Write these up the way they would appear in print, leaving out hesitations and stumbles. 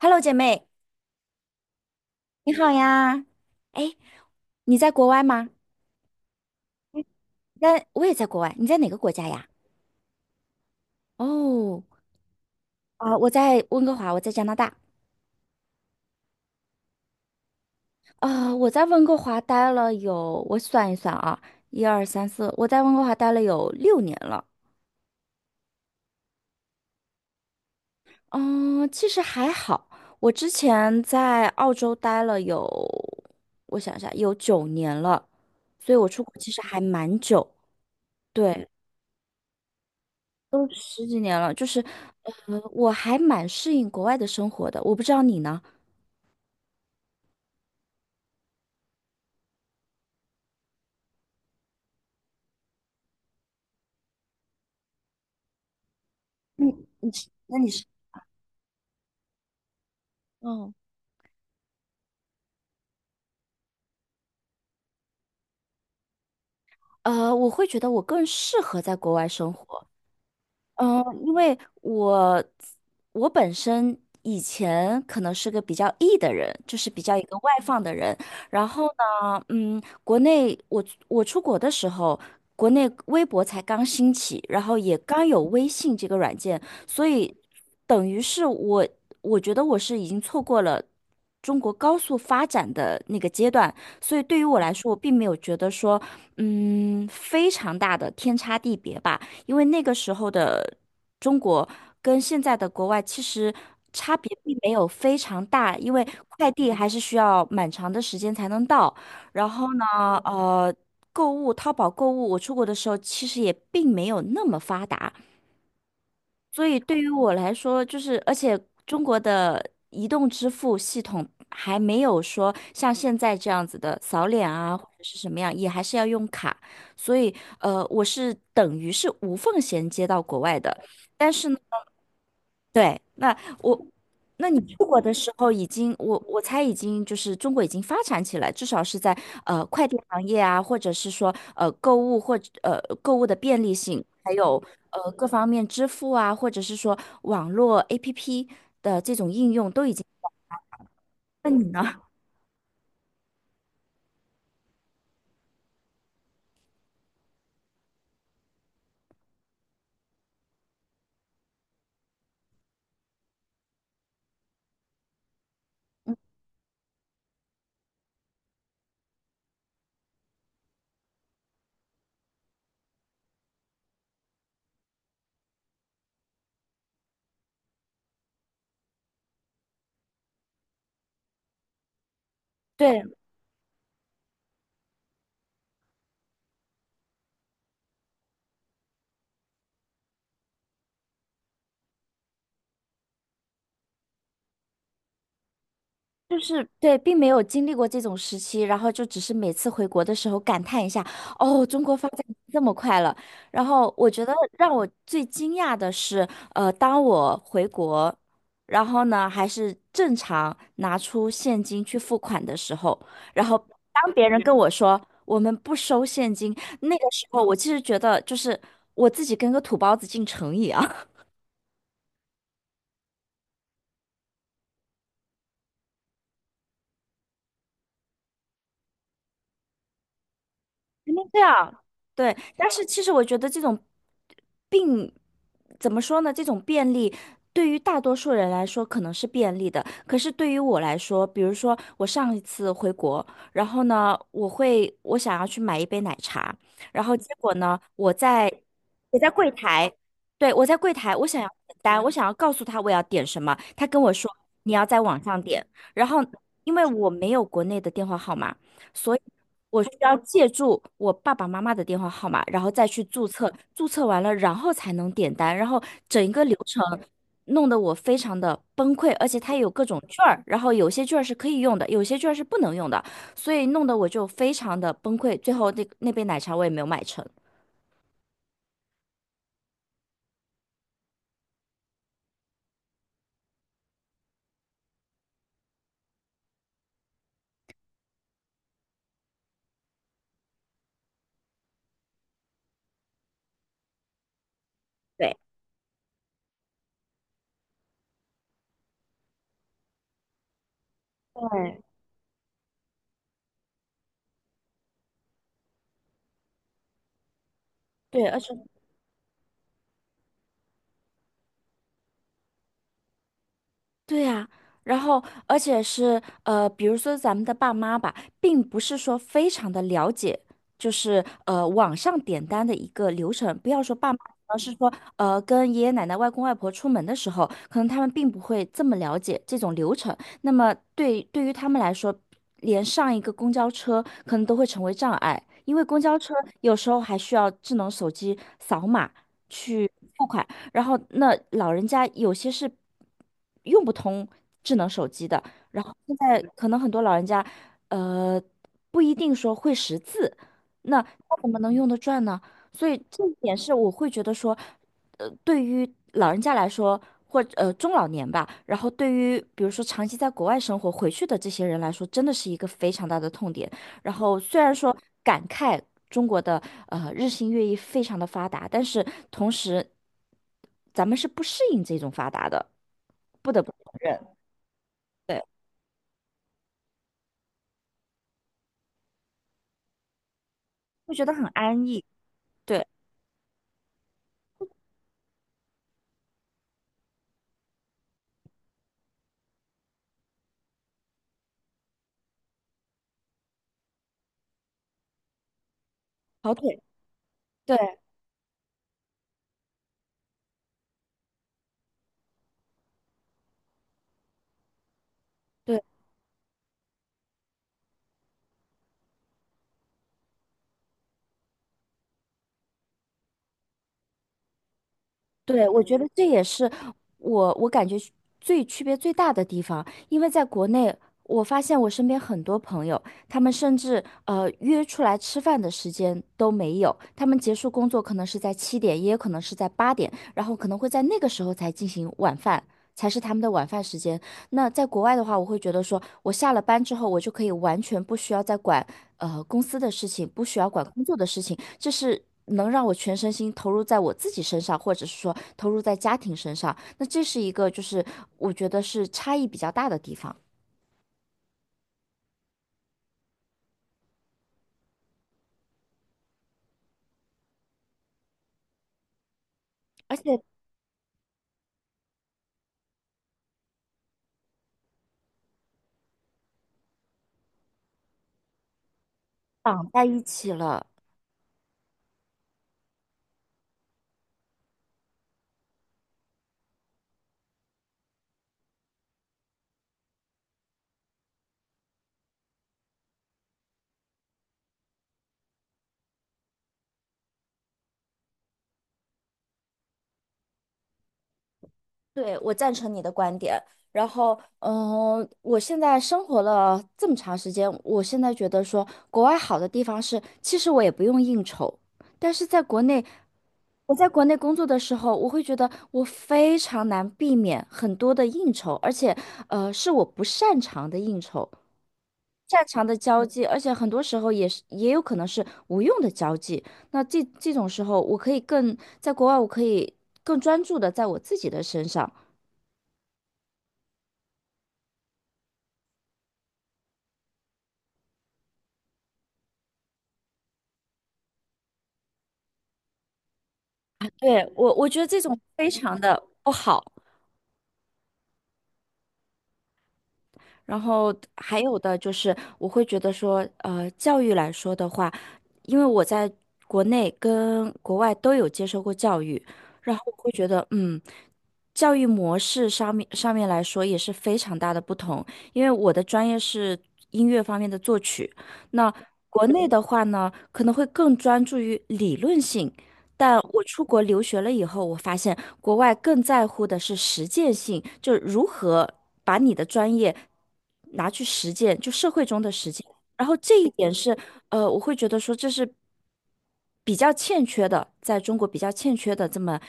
Hello，姐妹，你好呀！哎，你在国外吗？嗯在，我也在国外。你在哪个国家呀？哦，啊、我在温哥华，我在加拿大。啊、我在温哥华待了有，我算一算啊，一二三四，我在温哥华待了有6年了。嗯，其实还好。我之前在澳洲待了有，我想一下，有9年了，所以我出国其实还蛮久。对，都十几年了，就是，我还蛮适应国外的生活的。我不知道你呢？嗯，那你是？嗯，我会觉得我更适合在国外生活，嗯，因为我本身以前可能是个比较 E 的人，就是比较一个外放的人。然后呢，嗯，国内我出国的时候，国内微博才刚兴起，然后也刚有微信这个软件，所以等于是我觉得我是已经错过了。中国高速发展的那个阶段，所以对于我来说，我并没有觉得说，非常大的天差地别吧。因为那个时候的中国跟现在的国外其实差别并没有非常大，因为快递还是需要蛮长的时间才能到。然后呢，呃，购物，淘宝购物，我出国的时候其实也并没有那么发达，所以对于我来说，就是而且中国的移动支付系统还没有说像现在这样子的扫脸啊，或者是什么样，也还是要用卡。所以我是等于是无缝衔接到国外的，但是呢。对，我，那你出国的时候已经，我猜已经就是中国已经发展起来，至少是在快递行业啊，或者是说购物或者购物的便利性，还有各方面支付啊，或者是说网络 APP 的。那你呢？对，就是对，并没有经历过这种时期，然后就只是每次回国的时候感叹一下，哦，中国发展这么快了。然后我觉得让我最惊讶的是，当我回国，然后呢还是正常拿出现金去付款的时候，然后当别人跟我说我们不收现金，那个时候我其实觉得就是我自己跟个土包子进城一样。肯定这样，对。但是其实我觉得这种并怎么说呢？这种便利对于大多数人来说可能是便利的，可是对于我来说，比如说我上一次回国，然后呢，我想要去买一杯奶茶，然后结果呢，我在柜台，对，我在柜台，我想要点单，我想要告诉他我要点什么，他跟我说你要在网上点，然后因为我没有国内的电话号码。所以。我需要借助我爸爸妈妈的电话号码，然后再去注册，注册完了，然后才能点单，然后整个流程弄得我非常的崩溃，而且它有各种券儿，然后有些券儿是可以用的，有些券儿是不能用的，所以弄得我就非常的崩溃，最后那那杯奶茶我也没有买成。对对，对，而且对呀，然后而且是比如说咱们的爸妈吧，并不是说非常的了解，就是网上点单的一个流程。不要说爸妈，而是说跟爷爷奶奶、外公外婆出门的时候，可能他们并不会这么了解这种流程。那么对于他们来说，连上一个公交车可能都会成为障碍，因为公交车有时候还需要智能手机扫码去付款。然后那老人家有些是用不通智能手机的，然后现在可能很多老人家，呃，不一定说会识字，那他怎么能用得转呢？所以这一点是我会觉得说，对于老人家来说，或中老年吧，然后对于比如说长期在国外生活回去的这些人来说，真的是一个非常大的痛点。然后虽然说感慨中国的日新月异非常的发达，但是同时咱们是不适应这种发达的，不得不对，会觉得很安逸，对，跑腿，对。对对，我觉得这也是我感觉最区别最大的地方，因为在国内，我发现我身边很多朋友，他们甚至约出来吃饭的时间都没有，他们结束工作可能是在7点，也有可能是在8点，然后可能会在那个时候才进行晚饭，才是他们的晚饭时间。那在国外的话，我会觉得说，我下了班之后，我就可以完全不需要再管公司的事情，不需要管工作的事情，这是能让我全身心投入在我自己身上，或者是说投入在家庭身上。那这是一个就是我觉得是差异比较大的地方，而且绑在一起了。对，我赞成你的观点。然后，我现在生活了这么长时间，我现在觉得说，国外好的地方是，其实我也不用应酬。但是在国内，我在国内工作的时候，我会觉得我非常难避免很多的应酬，而且，是我不擅长的应酬，擅长的交际，而且很多时候也是也有可能是无用的交际。那这种时候，我可以更在国外，我可以更专注的在我自己的身上。对，我觉得这种非常的不好。然后还有的就是，我会觉得说，教育来说的话，因为我在国内跟国外都有接受过教育，然后我会觉得，教育模式上面来说也是非常大的不同。因为我的专业是音乐方面的作曲，那国内的话呢，可能会更专注于理论性，但我出国留学了以后，我发现国外更在乎的是实践性，就是如何把你的专业拿去实践，就社会中的实践。然后这一点是，我会觉得说这是比较欠缺的，在中国比较欠缺的这么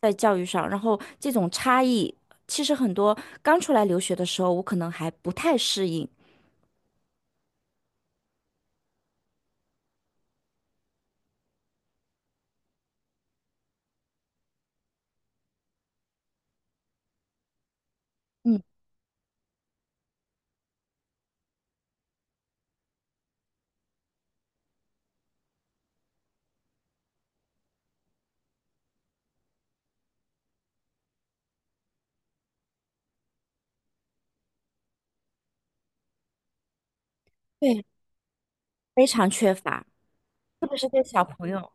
在教育上。然后这种差异，其实很多刚出来留学的时候，我可能还不太适应。嗯，对，非常缺乏，特别是对小朋友。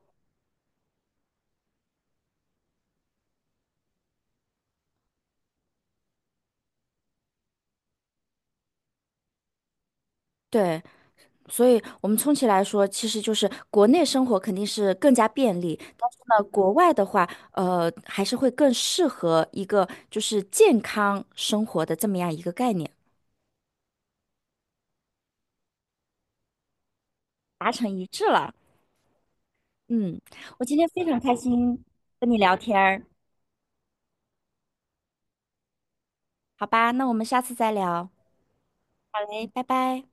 对，所以，我们充其来说，其实就是国内生活肯定是更加便利，但是呢，国外的话，还是会更适合一个就是健康生活的这么样一个概念，达成一致了。嗯，我今天非常开心跟你聊天儿，好吧，那我们下次再聊。好嘞，拜拜。